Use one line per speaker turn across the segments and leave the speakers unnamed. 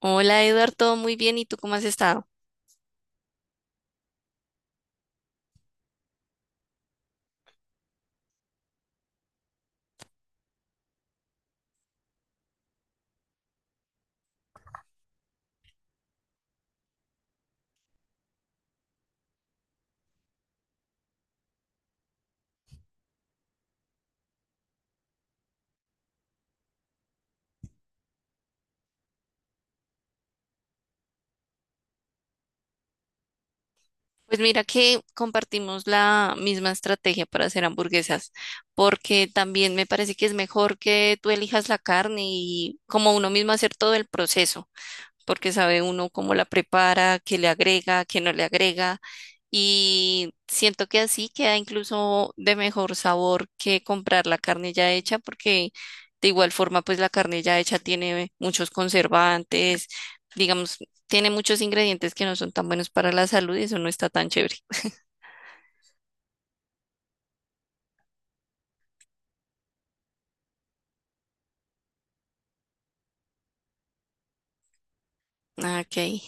Hola Eduardo, todo muy bien. ¿Y tú cómo has estado? Pues mira que compartimos la misma estrategia para hacer hamburguesas, porque también me parece que es mejor que tú elijas la carne y como uno mismo hacer todo el proceso, porque sabe uno cómo la prepara, qué le agrega, qué no le agrega. Y siento que así queda incluso de mejor sabor que comprar la carne ya hecha, porque de igual forma, pues la carne ya hecha tiene muchos conservantes, digamos, tiene muchos ingredientes que no son tan buenos para la salud y eso no está tan chévere. Ah, ok.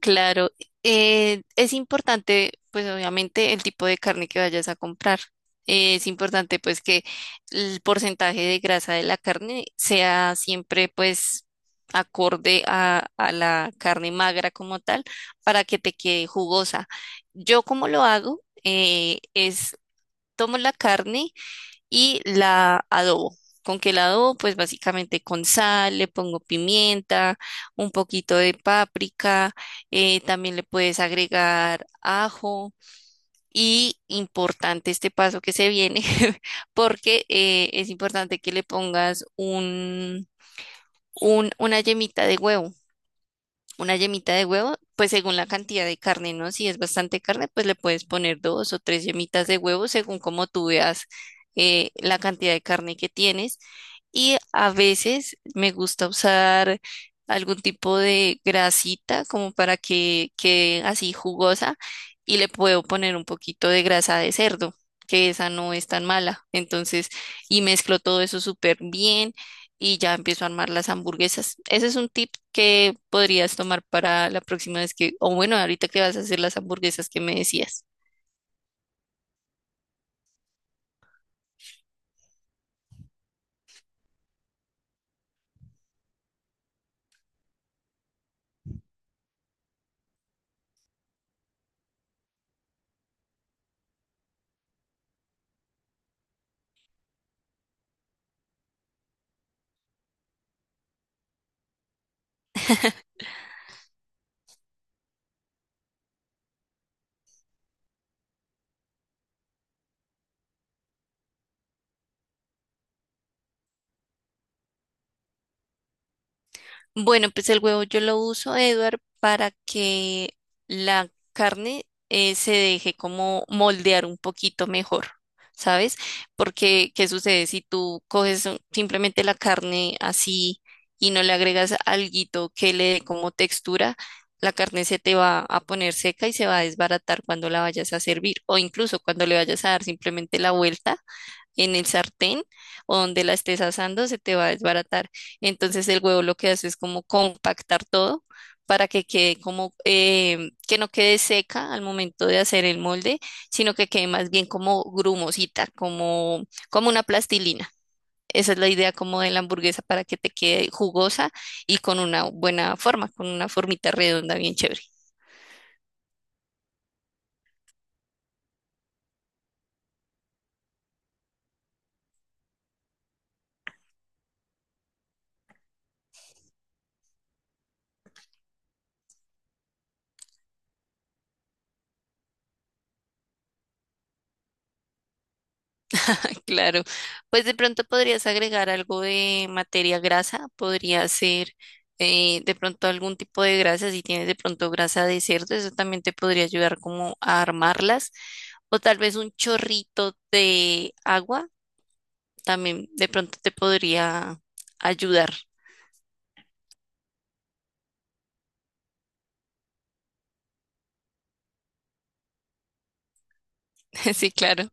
Claro, es importante, pues obviamente, el tipo de carne que vayas a comprar. Es importante, pues, que el porcentaje de grasa de la carne sea siempre, pues, acorde a la carne magra como tal, para que te quede jugosa. Yo, como lo hago, es tomo la carne y la adobo. ¿Con que la adobo? Pues básicamente con sal, le pongo pimienta, un poquito de páprica, también le puedes agregar ajo. Y importante este paso que se viene, porque es importante que le pongas una yemita de huevo, una yemita de huevo, pues según la cantidad de carne, ¿no? Si es bastante carne, pues le puedes poner dos o tres yemitas de huevo según como tú veas la cantidad de carne que tienes. Y a veces me gusta usar algún tipo de grasita como para que quede así jugosa y le puedo poner un poquito de grasa de cerdo, que esa no es tan mala. Entonces, y mezclo todo eso súper bien y ya empiezo a armar las hamburguesas. Ese es un tip que podrías tomar para la próxima vez que, o bueno, ahorita que vas a hacer las hamburguesas que me decías. Bueno, pues el huevo yo lo uso, Edward, para que la carne se deje como moldear un poquito mejor, ¿sabes? Porque, ¿qué sucede si tú coges un- simplemente la carne así y no le agregas alguito que le dé como textura? La carne se te va a poner seca y se va a desbaratar cuando la vayas a servir o incluso cuando le vayas a dar simplemente la vuelta en el sartén o donde la estés asando, se te va a desbaratar. Entonces el huevo lo que hace es como compactar todo para que quede como, que no quede seca al momento de hacer el molde, sino que quede más bien como grumosita, como una plastilina. Esa es la idea como de la hamburguesa para que te quede jugosa y con una buena forma, con una formita redonda bien chévere. Claro, pues de pronto podrías agregar algo de materia grasa, podría ser de pronto algún tipo de grasa, si tienes de pronto grasa de cerdo, eso también te podría ayudar como a armarlas, o tal vez un chorrito de agua, también de pronto te podría ayudar. Sí, claro.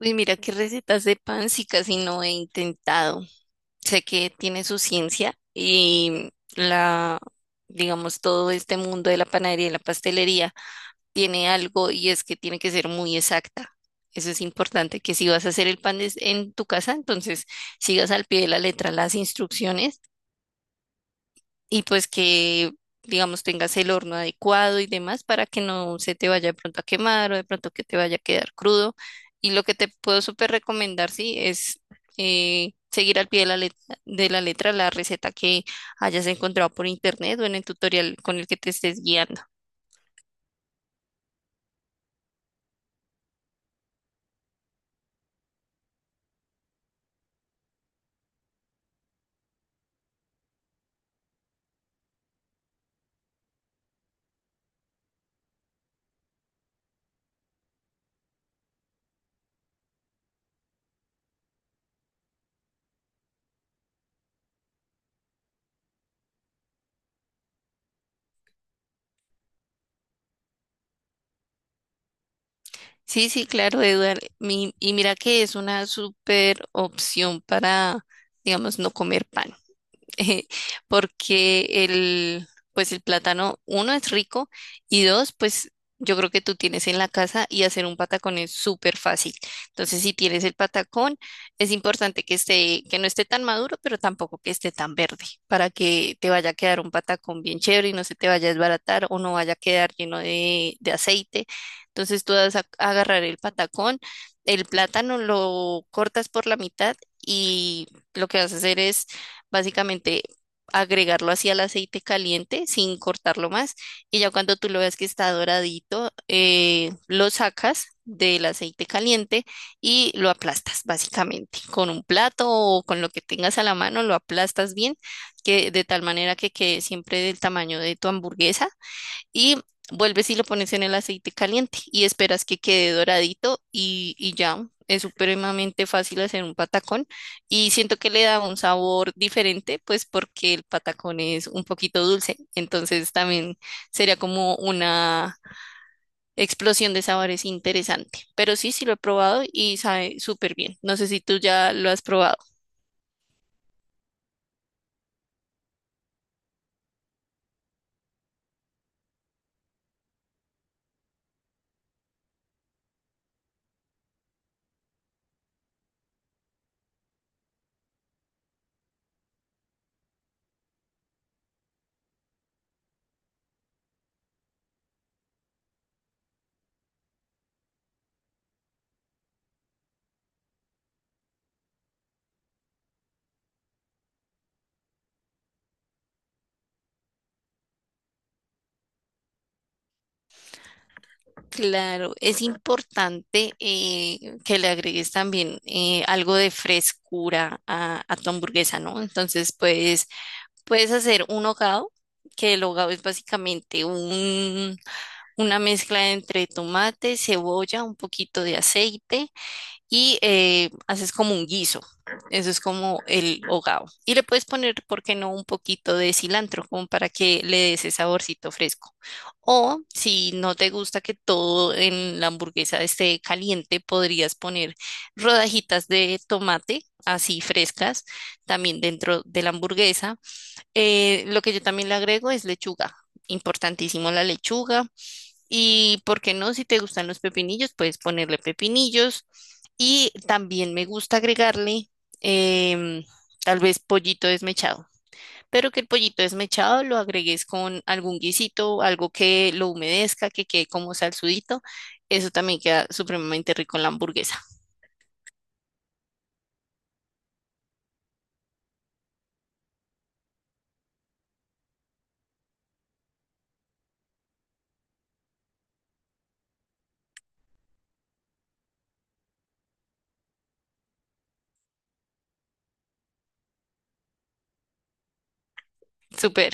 Uy, mira qué recetas de pan, sí casi no he intentado. Sé que tiene su ciencia y la, digamos, todo este mundo de la panadería y la pastelería tiene algo y es que tiene que ser muy exacta. Eso es importante, que si vas a hacer el pan des- en tu casa, entonces sigas al pie de la letra las instrucciones y pues que, digamos, tengas el horno adecuado y demás para que no se te vaya de pronto a quemar o de pronto que te vaya a quedar crudo. Y lo que te puedo súper recomendar, sí, es seguir al pie de la letra la receta que hayas encontrado por internet o en el tutorial con el que te estés guiando. Sí, sí, claro, Eduard. Mi- y mira que es una súper opción para, digamos, no comer pan. Porque pues el plátano, uno, es rico y dos, pues yo creo que tú tienes en la casa y hacer un patacón es súper fácil. Entonces, si tienes el patacón, es importante que esté, que no esté tan maduro, pero tampoco que esté tan verde, para que te vaya a quedar un patacón bien chévere y no se te vaya a desbaratar o no vaya a quedar lleno de aceite. Entonces, tú vas a agarrar el patacón, el plátano lo cortas por la mitad y lo que vas a hacer es básicamente agregarlo así al aceite caliente sin cortarlo más y ya cuando tú lo veas que está doradito, lo sacas del aceite caliente y lo aplastas básicamente con un plato o con lo que tengas a la mano, lo aplastas bien, que de tal manera que quede siempre del tamaño de tu hamburguesa y vuelves y lo pones en el aceite caliente y esperas que quede doradito y ya. Es supremamente fácil hacer un patacón y siento que le da un sabor diferente, pues porque el patacón es un poquito dulce, entonces también sería como una explosión de sabores interesante. Pero sí, sí lo he probado y sabe súper bien. No sé si tú ya lo has probado. Claro, es importante que le agregues también algo de frescura a tu hamburguesa, ¿no? Entonces, pues, puedes hacer un hogado, que el hogado es básicamente una mezcla entre tomate, cebolla, un poquito de aceite y haces como un guiso. Eso es como el hogao. Y le puedes poner, ¿por qué no?, un poquito de cilantro, como para que le dé ese saborcito fresco. O si no te gusta que todo en la hamburguesa esté caliente, podrías poner rodajitas de tomate, así frescas, también dentro de la hamburguesa. Lo que yo también le agrego es lechuga. Importantísimo la lechuga. Y por qué no, si te gustan los pepinillos, puedes ponerle pepinillos. Y también me gusta agregarle em, tal vez pollito desmechado, pero que el pollito desmechado lo agregues con algún guisito, algo que lo humedezca, que quede como salsudito. Eso también queda supremamente rico en la hamburguesa. Súper.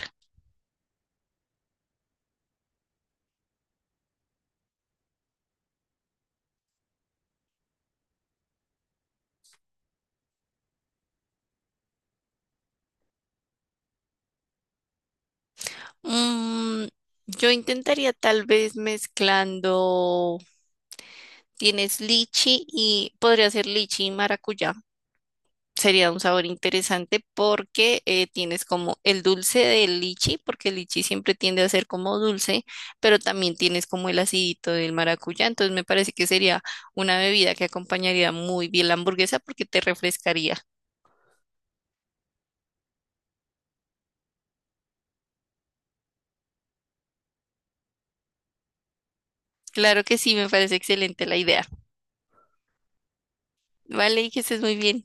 Mm, yo intentaría tal vez mezclando, tienes lichi y podría ser lichi y maracuyá. Sería un sabor interesante porque tienes como el dulce del lichi, porque el lichi siempre tiende a ser como dulce, pero también tienes como el acidito del maracuyá. Entonces me parece que sería una bebida que acompañaría muy bien la hamburguesa porque te refrescaría. Claro que sí, me parece excelente la idea. Vale, y que estés muy bien.